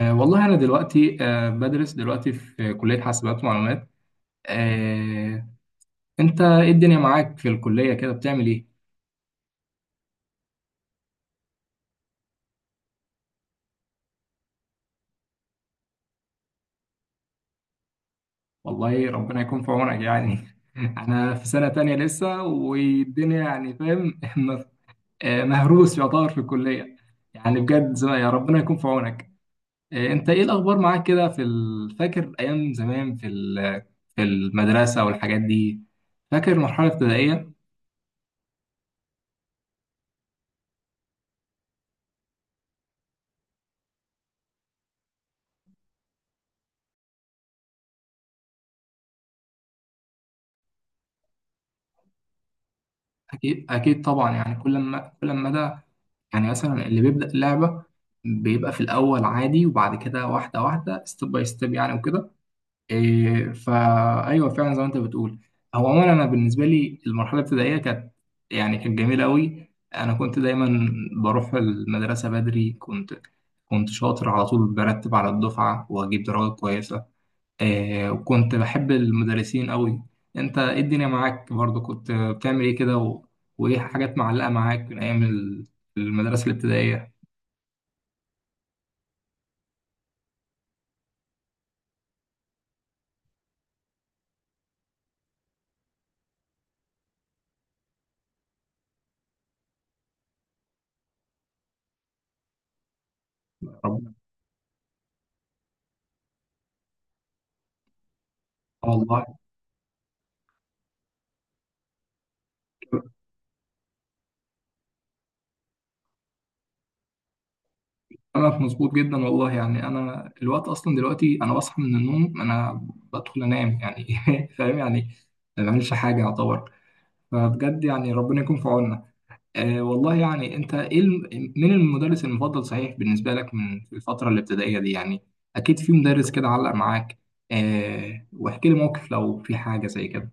والله أنا دلوقتي بدرس دلوقتي في كلية حاسبات ومعلومات. أه أنت إيه الدنيا معاك في الكلية كده بتعمل إيه؟ والله ربنا يكون في عونك يعني، أنا في سنة تانية لسه والدنيا يعني فاهم، مهروس يعتبر في الكلية. يعني بجد زي يا ربنا يكون في عونك. أنت إيه الأخبار معاك كده فاكر أيام زمان في المدرسة والحاجات دي. فاكر المرحلة الابتدائية؟ أكيد أكيد طبعا، يعني كل ما ده، يعني مثلا اللي بيبدأ اللعبة بيبقى في الأول عادي، وبعد كده واحدة واحدة، ستيب باي ستيب، يعني وكده. إيه، فأيوه فعلا زي ما أنت بتقول. هو عموما أنا بالنسبة لي المرحلة الابتدائية كانت يعني كانت جميلة أوي. أنا كنت دايما بروح المدرسة بدري، كنت شاطر على طول، برتب على الدفعة وأجيب درجات كويسة. وكنت بحب المدرسين قوي. انت ايه الدنيا معاك؟ برضو كنت بتعمل ايه كده و وايه حاجات معلقة معاك من ايام المدرسة الابتدائية؟ ربنا. والله انا مظبوط جدا والله، يعني انا الوقت اصلا دلوقتي، انا بصحى من النوم، انا بدخل انام يعني. فاهم يعني. ما بعملش حاجة يعتبر. فبجد يعني ربنا يكون في عوننا. والله يعني، انت ايه مين المدرس المفضل صحيح بالنسبه لك من في الفتره الابتدائيه دي يعني؟ اكيد في مدرس كده علق معاك. واحكي لي موقف لو في حاجه زي كده.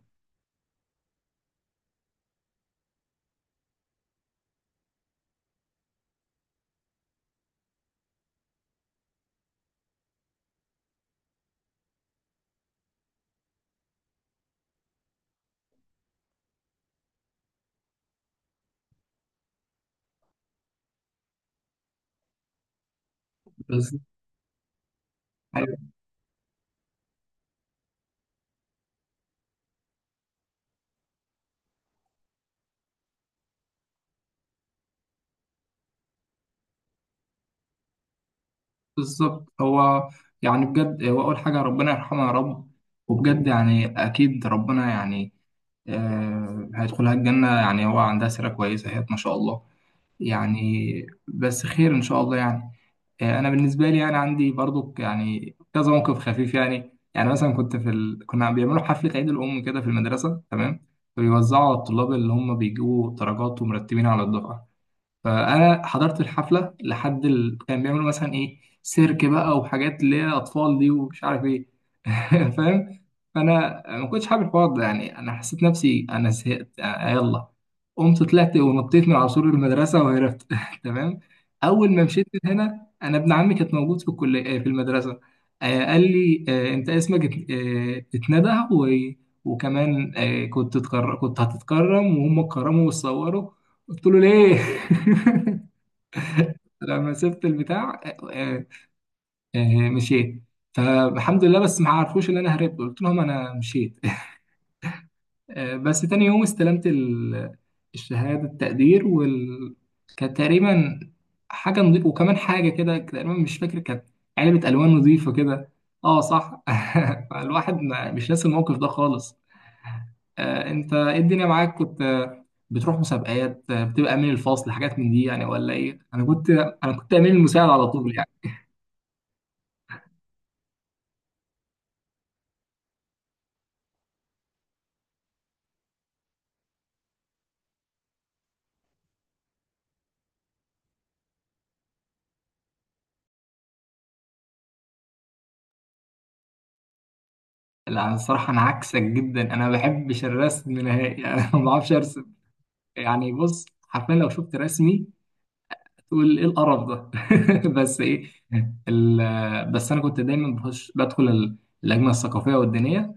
بس ايوه. بالظبط هو، يعني بجد هو، اول حاجه ربنا يرحمه يا رب. وبجد يعني اكيد ربنا يعني هيدخلها الجنه، يعني هو عندها سيره كويسه، هي ما شاء الله. يعني بس خير ان شاء الله يعني. انا بالنسبه لي انا عندي برضو يعني كذا موقف خفيف يعني مثلا كنت كنا بيعملوا حفله عيد الام كده في المدرسه، تمام. فبيوزعوا على الطلاب اللي هم بيجيبوا درجات ومرتبين على الدفعه. فانا حضرت الحفله كان بيعملوا مثلا ايه، سيرك بقى وحاجات اللي هي اطفال دي ومش عارف ايه. فاهم. فانا ما كنتش حابب الحوار ده، يعني انا حسيت نفسي انا زهقت، يلا قمت طلعت ونطيت من على سور المدرسه وهربت. تمام. اول ما مشيت من هنا، انا ابن عمي كان موجود في المدرسه. قال لي، انت اسمك اتندى و... وكمان كنت هتتكرم، وهم اتكرموا وتصوروا. قلت له: ليه؟ لما سبت البتاع. آه، مشيت. فالحمد لله بس ما عرفوش ان انا هربت، قلت لهم انا مشيت. بس تاني يوم استلمت الشهادة التقدير كانت تقريبا حاجة نظيفة، وكمان حاجة كده تقريبا مش فاكر كانت علبة ألوان نظيفة كده. اه صح. فالواحد مش ناسي الموقف ده خالص. انت ايه الدنيا معاك؟ كنت بتروح مسابقات، بتبقى امين الفصل، حاجات من دي يعني ولا ايه؟ انا كنت امين المساعد على طول يعني. لا الصراحه انا عكسك جدا، انا ما بحبش الرسم نهائي. انا ما بعرفش ارسم يعني. بص حرفيا لو شفت رسمي تقول: ايه القرف ده؟ بس ايه؟ بس انا كنت دايما بدخل اللجنه الثقافيه والدينيه.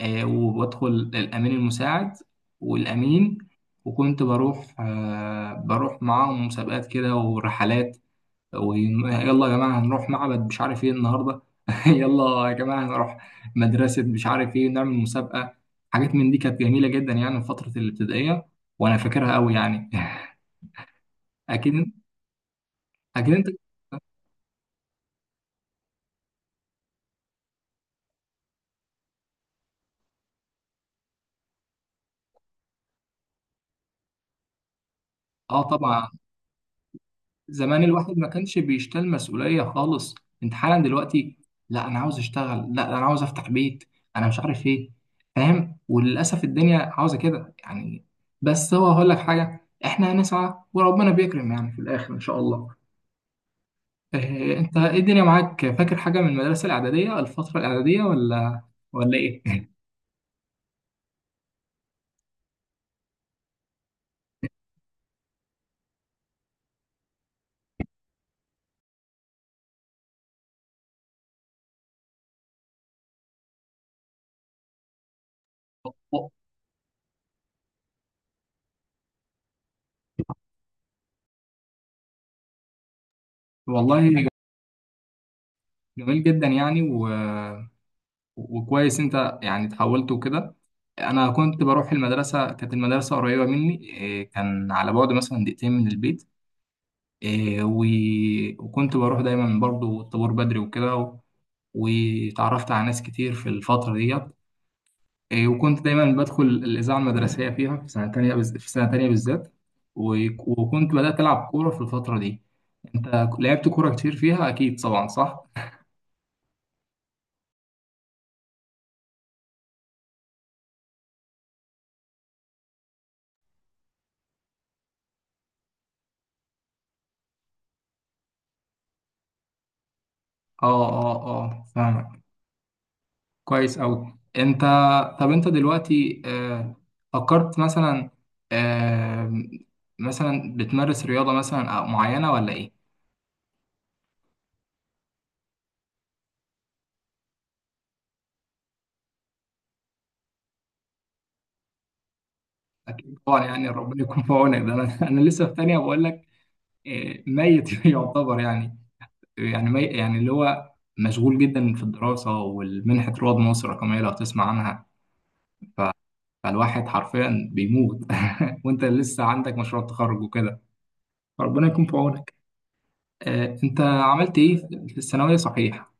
وبدخل الامين المساعد والامين. وكنت بروح معاهم مسابقات كده ورحلات. ويلا يا جماعه هنروح معبد مش عارف ايه النهارده. يلا يا جماعه هنروح مدرسه مش عارف ايه نعمل مسابقه. حاجات من دي كانت جميله جدا يعني في فتره الابتدائيه، وانا فاكرها قوي يعني. اكيد. اكيد انت. اه طبعا. زمان الواحد ما كانش بيشتال مسؤولية خالص. انت حالا دلوقتي: لا انا عاوز اشتغل، لا انا عاوز افتح بيت، انا مش عارف ايه. فاهم؟ وللاسف الدنيا عاوزة كده يعني. بس هو هقول لك حاجة، احنا هنسعى وربنا بيكرم يعني في الاخر ان شاء الله. إيه، انت ايه الدنيا معاك، فاكر حاجة من المدرسة الإعدادية، الفترة الإعدادية، ولا ايه؟ والله جميل جدا يعني، و وكويس انت يعني اتحولت وكده. انا كنت بروح المدرسه، كانت المدرسه قريبه مني، إيه، كان على بعد مثلا دقيقتين من البيت، إيه، وكنت بروح دايما برضو الطابور بدري وكده وتعرفت على ناس كتير في الفتره ديت. إيه، وكنت دايما بدخل الاذاعه المدرسيه فيها في سنه تانية بالذات. وكنت بدات العب كوره في الفتره دي. انت لعبت كوره كتير فيها اكيد، طبعا صح؟ اه، اه، اه، فاهمك. كويس أوي أنت. طب أنت دلوقتي، فكرت مثلا، آه، مثلا بتمارس رياضة مثلا أو معينة ولا إيه؟ أكيد طبعا يعني ربنا يكون في عونك، ده أنا أنا لسه في تانية بقول لك. ميت يعتبر يعني. يعني يعني اللي هو مشغول جدا في الدراسة والمنحة رواد مصر الرقمية، لو تسمع عنها. فالواحد حرفيا بيموت. وأنت لسه عندك مشروع تخرج وكده، ربنا يكون في عونك. أنت عملت إيه في الثانوية صحيح؟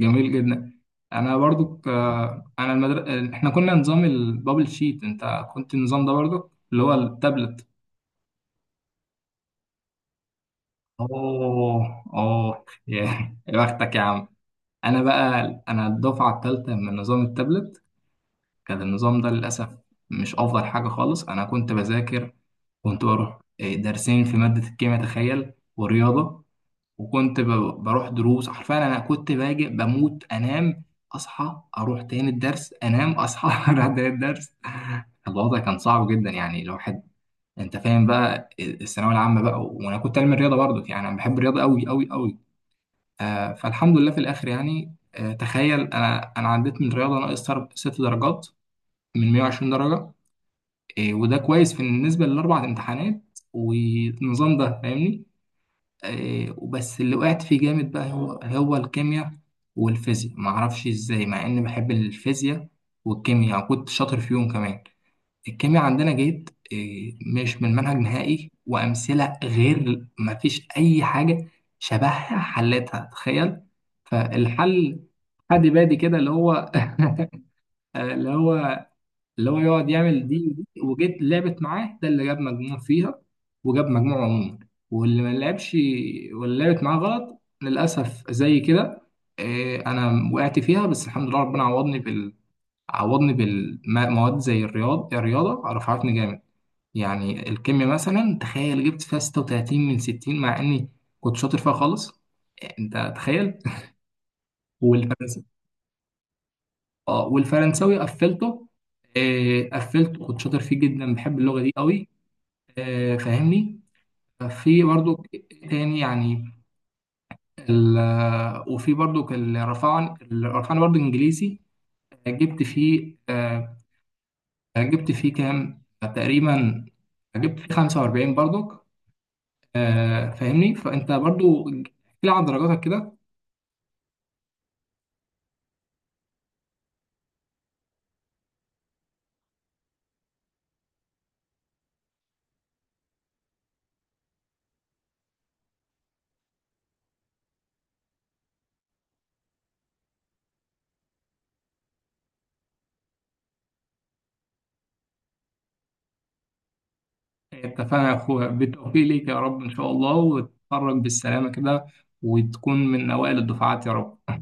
جميل جدا. انا برضو احنا كنا نظام البابل شيت، انت كنت النظام ده برضو اللي هو التابلت؟ اوه، اوه، يا يا بختك يا عم. انا بقى انا الدفعه الثالثه من نظام التابلت. كان النظام ده للاسف مش افضل حاجه خالص. انا كنت بذاكر، كنت بروح، إيه، درسين في ماده الكيمياء تخيل والرياضه. وكنت بروح دروس حرفيا، انا كنت باجي بموت انام، اصحى اروح تاني الدرس، انام اصحى اروح تاني الدرس. الوضع كان صعب جدا يعني الواحد. انت فاهم بقى الثانويه العامه بقى، وانا كنت علمي الرياضه برضه، يعني انا بحب الرياضه قوي قوي قوي. فالحمد لله في الاخر يعني، تخيل انا عديت من الرياضه ناقص ست درجات من 120 درجه. وده كويس بالنسبه للاربع امتحانات والنظام ده فاهمني. وبس اللي وقعت فيه جامد بقى هو هو الكيمياء والفيزياء، معرفش ازاي مع اني بحب الفيزياء والكيمياء، كنت شاطر فيهم كمان. الكيمياء عندنا جيت مش من منهج نهائي، وامثله غير مفيش اي حاجه شبهها حلتها تخيل. فالحل حد بادي كده اللي هو اللي هو اللي هو يقعد يعمل دي ودي، وجيت لعبت معاه، ده اللي جاب مجموع فيها وجاب مجموع عموما. واللي ما لعبش واللي لعبت معاه غلط للأسف زي كده. أنا وقعت فيها، بس الحمد لله ربنا عوضني بالمواد، زي الرياضة رفعتني جامد. يعني الكيمياء مثلا تخيل جبت فيها 36 من 60، مع إني كنت شاطر فيها خالص. أنت تخيل. والفرنسي اه والفرنساوي قفلته، كنت شاطر فيه جدا، بحب اللغة دي قوي. فاهمني. في برضو تاني يعني، ال آه، وفي برضو الرفعن برضو انجليزي. جبت فيه آه، جبت فيه كام تقريبا، جبت فيه 45 برضو. فاهمني، فانت برضو احكي لي عن درجاتك كده. اتفقنا يا اخويا، بالتوفيق ليك يا رب ان شاء الله، وتتخرج بالسلامة كده، وتكون من اوائل الدفعات يا رب.